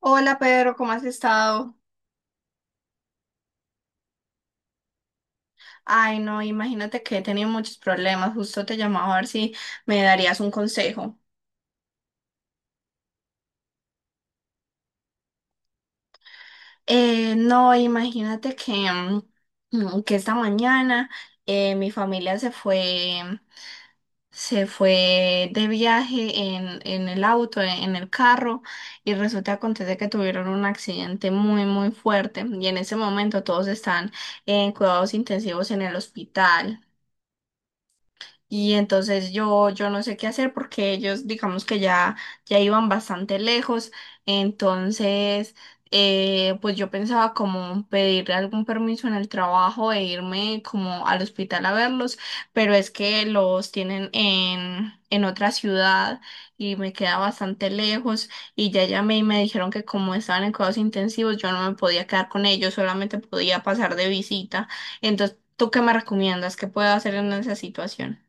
Hola Pedro, ¿cómo has estado? Ay, no, imagínate que he tenido muchos problemas. Justo te llamaba a ver si me darías un consejo. No, imagínate que que esta mañana mi familia se fue de viaje en el auto, en el carro, y resulta acontece que tuvieron un accidente muy, muy fuerte. Y en ese momento todos están en cuidados intensivos en el hospital. Y entonces yo no sé qué hacer porque ellos, digamos que ya iban bastante lejos. Entonces, pues yo pensaba como pedir algún permiso en el trabajo e irme como al hospital a verlos, pero es que los tienen en otra ciudad y me queda bastante lejos. Y ya llamé y me dijeron que como estaban en cuidados intensivos, yo no me podía quedar con ellos, solamente podía pasar de visita. Entonces, ¿tú qué me recomiendas? ¿Qué puedo hacer en esa situación?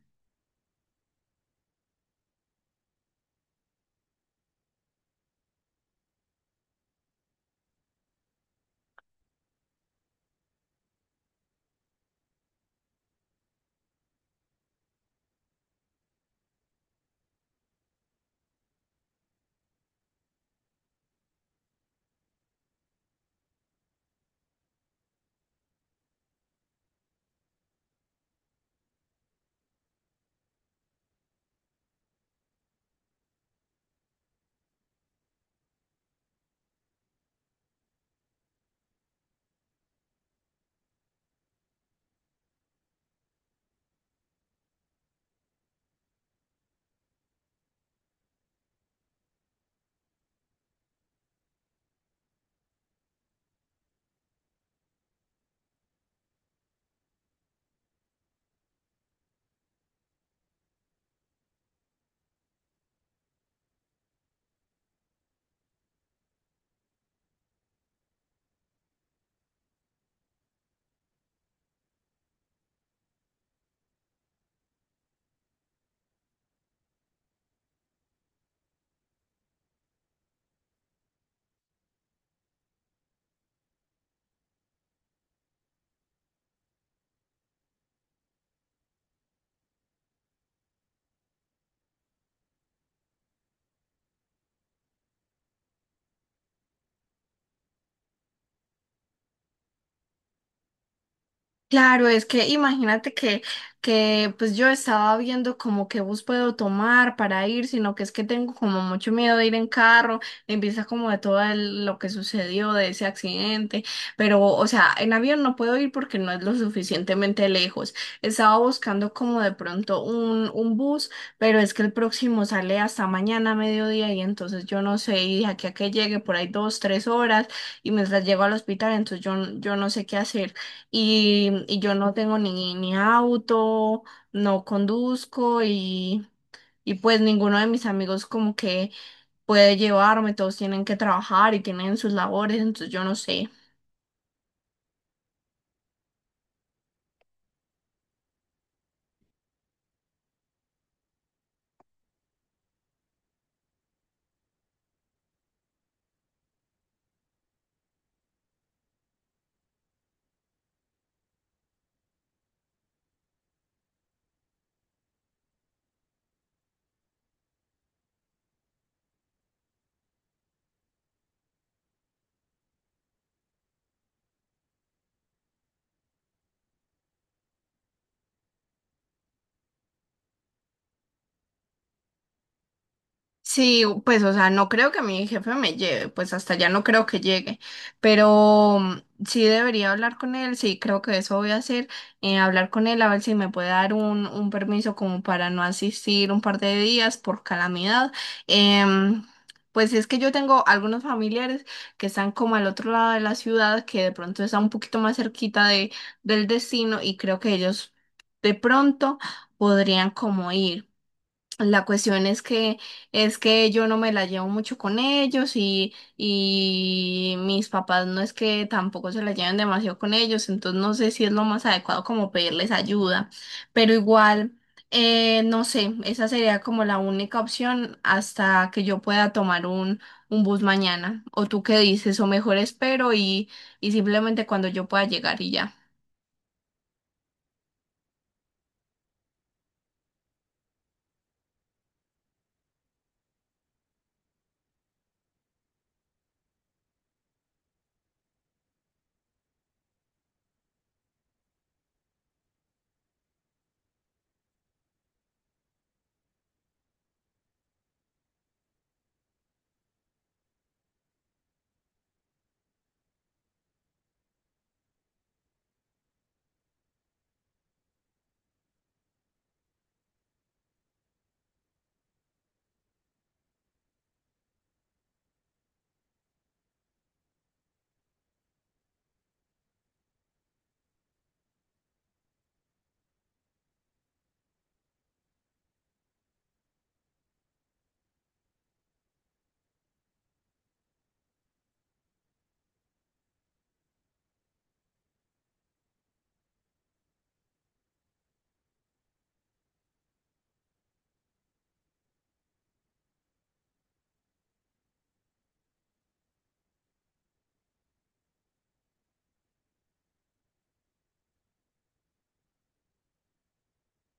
Claro, es que imagínate que pues yo estaba viendo como qué bus puedo tomar para ir, sino que es que tengo como mucho miedo de ir en carro, en vista como de lo que sucedió de ese accidente, pero o sea, en avión no puedo ir porque no es lo suficientemente lejos. Estaba buscando como de pronto un bus, pero es que el próximo sale hasta mañana a mediodía y entonces yo no sé, y de aquí a que llegue por ahí dos, tres horas y mientras llego al hospital, entonces yo no sé qué hacer y yo no tengo ni auto, no conduzco y pues ninguno de mis amigos como que puede llevarme, todos tienen que trabajar y tienen sus labores, entonces yo no sé. Sí, pues, o sea, no creo que mi jefe me lleve, pues hasta allá no creo que llegue, pero mm, sí debería hablar con él, sí, creo que eso voy a hacer, hablar con él a ver si me puede dar un permiso como para no asistir un par de días por calamidad. Em, pues es que yo tengo algunos familiares que están como al otro lado de la ciudad, que de pronto están un poquito más cerquita de, del destino y creo que ellos de pronto podrían como ir. La cuestión es que yo no me la llevo mucho con ellos y mis papás no es que tampoco se la lleven demasiado con ellos, entonces no sé si es lo más adecuado como pedirles ayuda, pero igual, no sé, esa sería como la única opción hasta que yo pueda tomar un bus mañana. ¿O tú qué dices? O mejor espero y simplemente cuando yo pueda llegar y ya.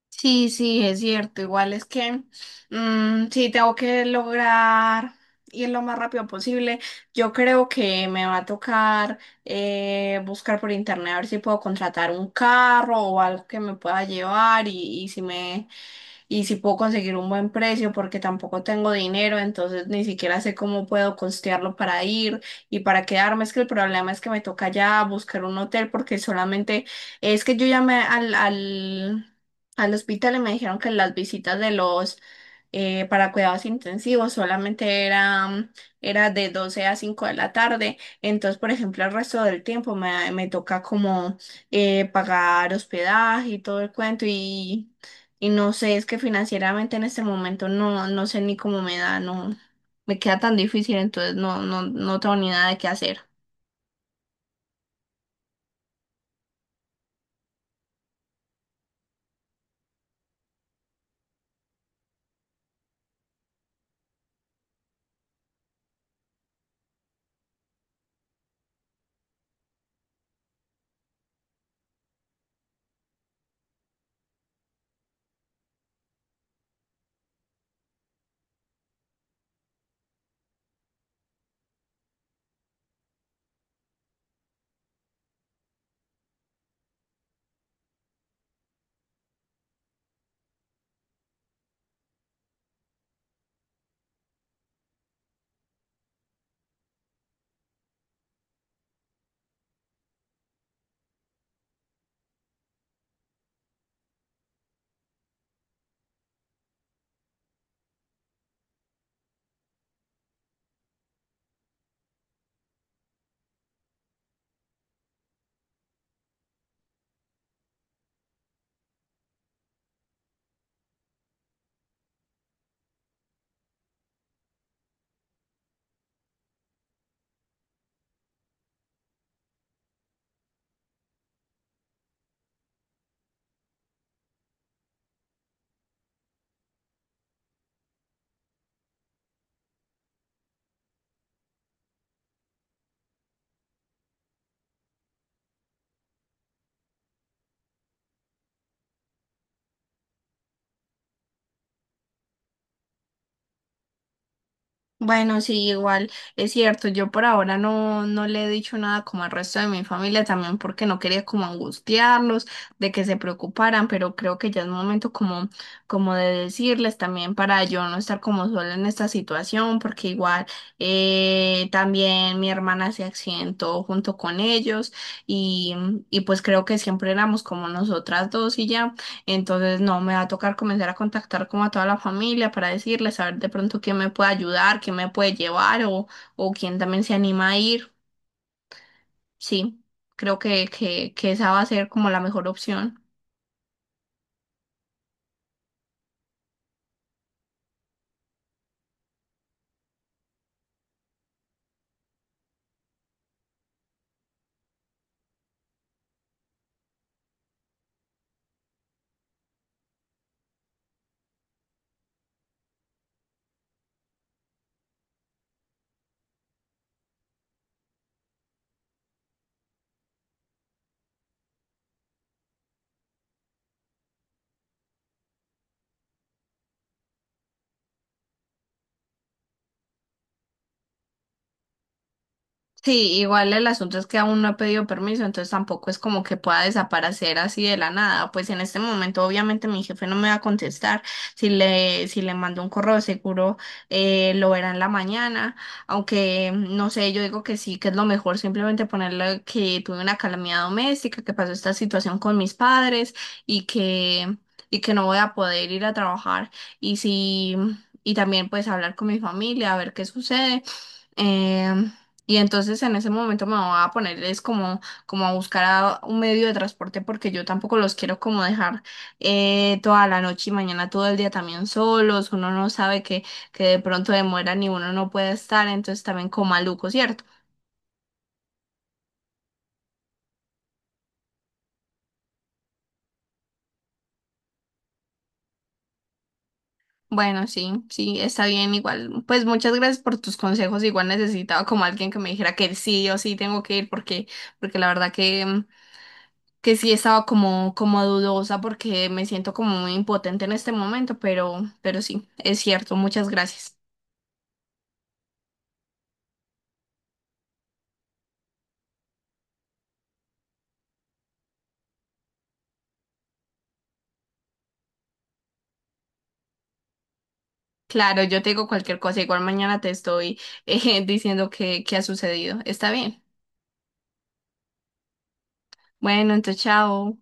Sí, sí, es cierto. Igual es que mm, sí tengo que lograr ir lo más rápido posible. Yo creo que me va a tocar buscar por internet a ver si puedo contratar un carro o algo que me pueda llevar y si puedo conseguir un buen precio porque tampoco tengo dinero, entonces ni siquiera sé cómo puedo costearlo para ir y para quedarme. Es que el problema es que me toca ya buscar un hotel porque solamente es que yo llamé al hospital y me dijeron que las visitas de los para cuidados intensivos, solamente era de 12 a 5 de la tarde. Entonces, por ejemplo, el resto del tiempo me toca como pagar hospedaje y todo el cuento y no sé, es que financieramente en este momento no, no sé ni cómo me da, no me queda tan difícil, entonces no, no, no tengo ni nada de qué hacer. Bueno, sí, igual es cierto, yo por ahora no le he dicho nada como al resto de mi familia, también porque no quería como angustiarlos, de que se preocuparan, pero creo que ya es momento como de decirles también para yo no estar como sola en esta situación, porque igual también mi hermana se accidentó junto con ellos y, y pues creo que siempre éramos como nosotras dos y ya. Entonces, no, me va a tocar comenzar a contactar como a toda la familia para decirles, a ver de pronto quién me puede ayudar, quién me puede llevar o quién también se anima a ir. Sí, creo que esa va a ser como la mejor opción. Sí, igual el asunto es que aún no he pedido permiso, entonces tampoco es como que pueda desaparecer así de la nada. Pues en este momento, obviamente, mi jefe no me va a contestar. Si le mando un correo, seguro lo verá en la mañana. Aunque no sé, yo digo que sí, que es lo mejor simplemente ponerle que tuve una calamidad doméstica, que pasó esta situación con mis padres y que, y que no voy a poder ir a trabajar. Y si, y también pues hablar con mi familia, a ver qué sucede. Em, y entonces en ese momento me voy a ponerles como, como a buscar a un medio de transporte porque yo tampoco los quiero como dejar toda la noche y mañana todo el día también solos. Uno no sabe que de pronto demoran y uno no puede estar, entonces también como maluco, ¿cierto? Bueno, sí, sí, está bien, igual. Pues muchas gracias por tus consejos. Igual necesitaba como alguien que me dijera que sí o sí tengo que ir porque, porque la verdad que sí estaba como, como dudosa porque me siento como muy impotente en este momento, pero sí, es cierto, muchas gracias. Claro, yo te digo cualquier cosa, igual mañana te estoy diciendo qué ha sucedido. Está bien. Bueno, entonces chao.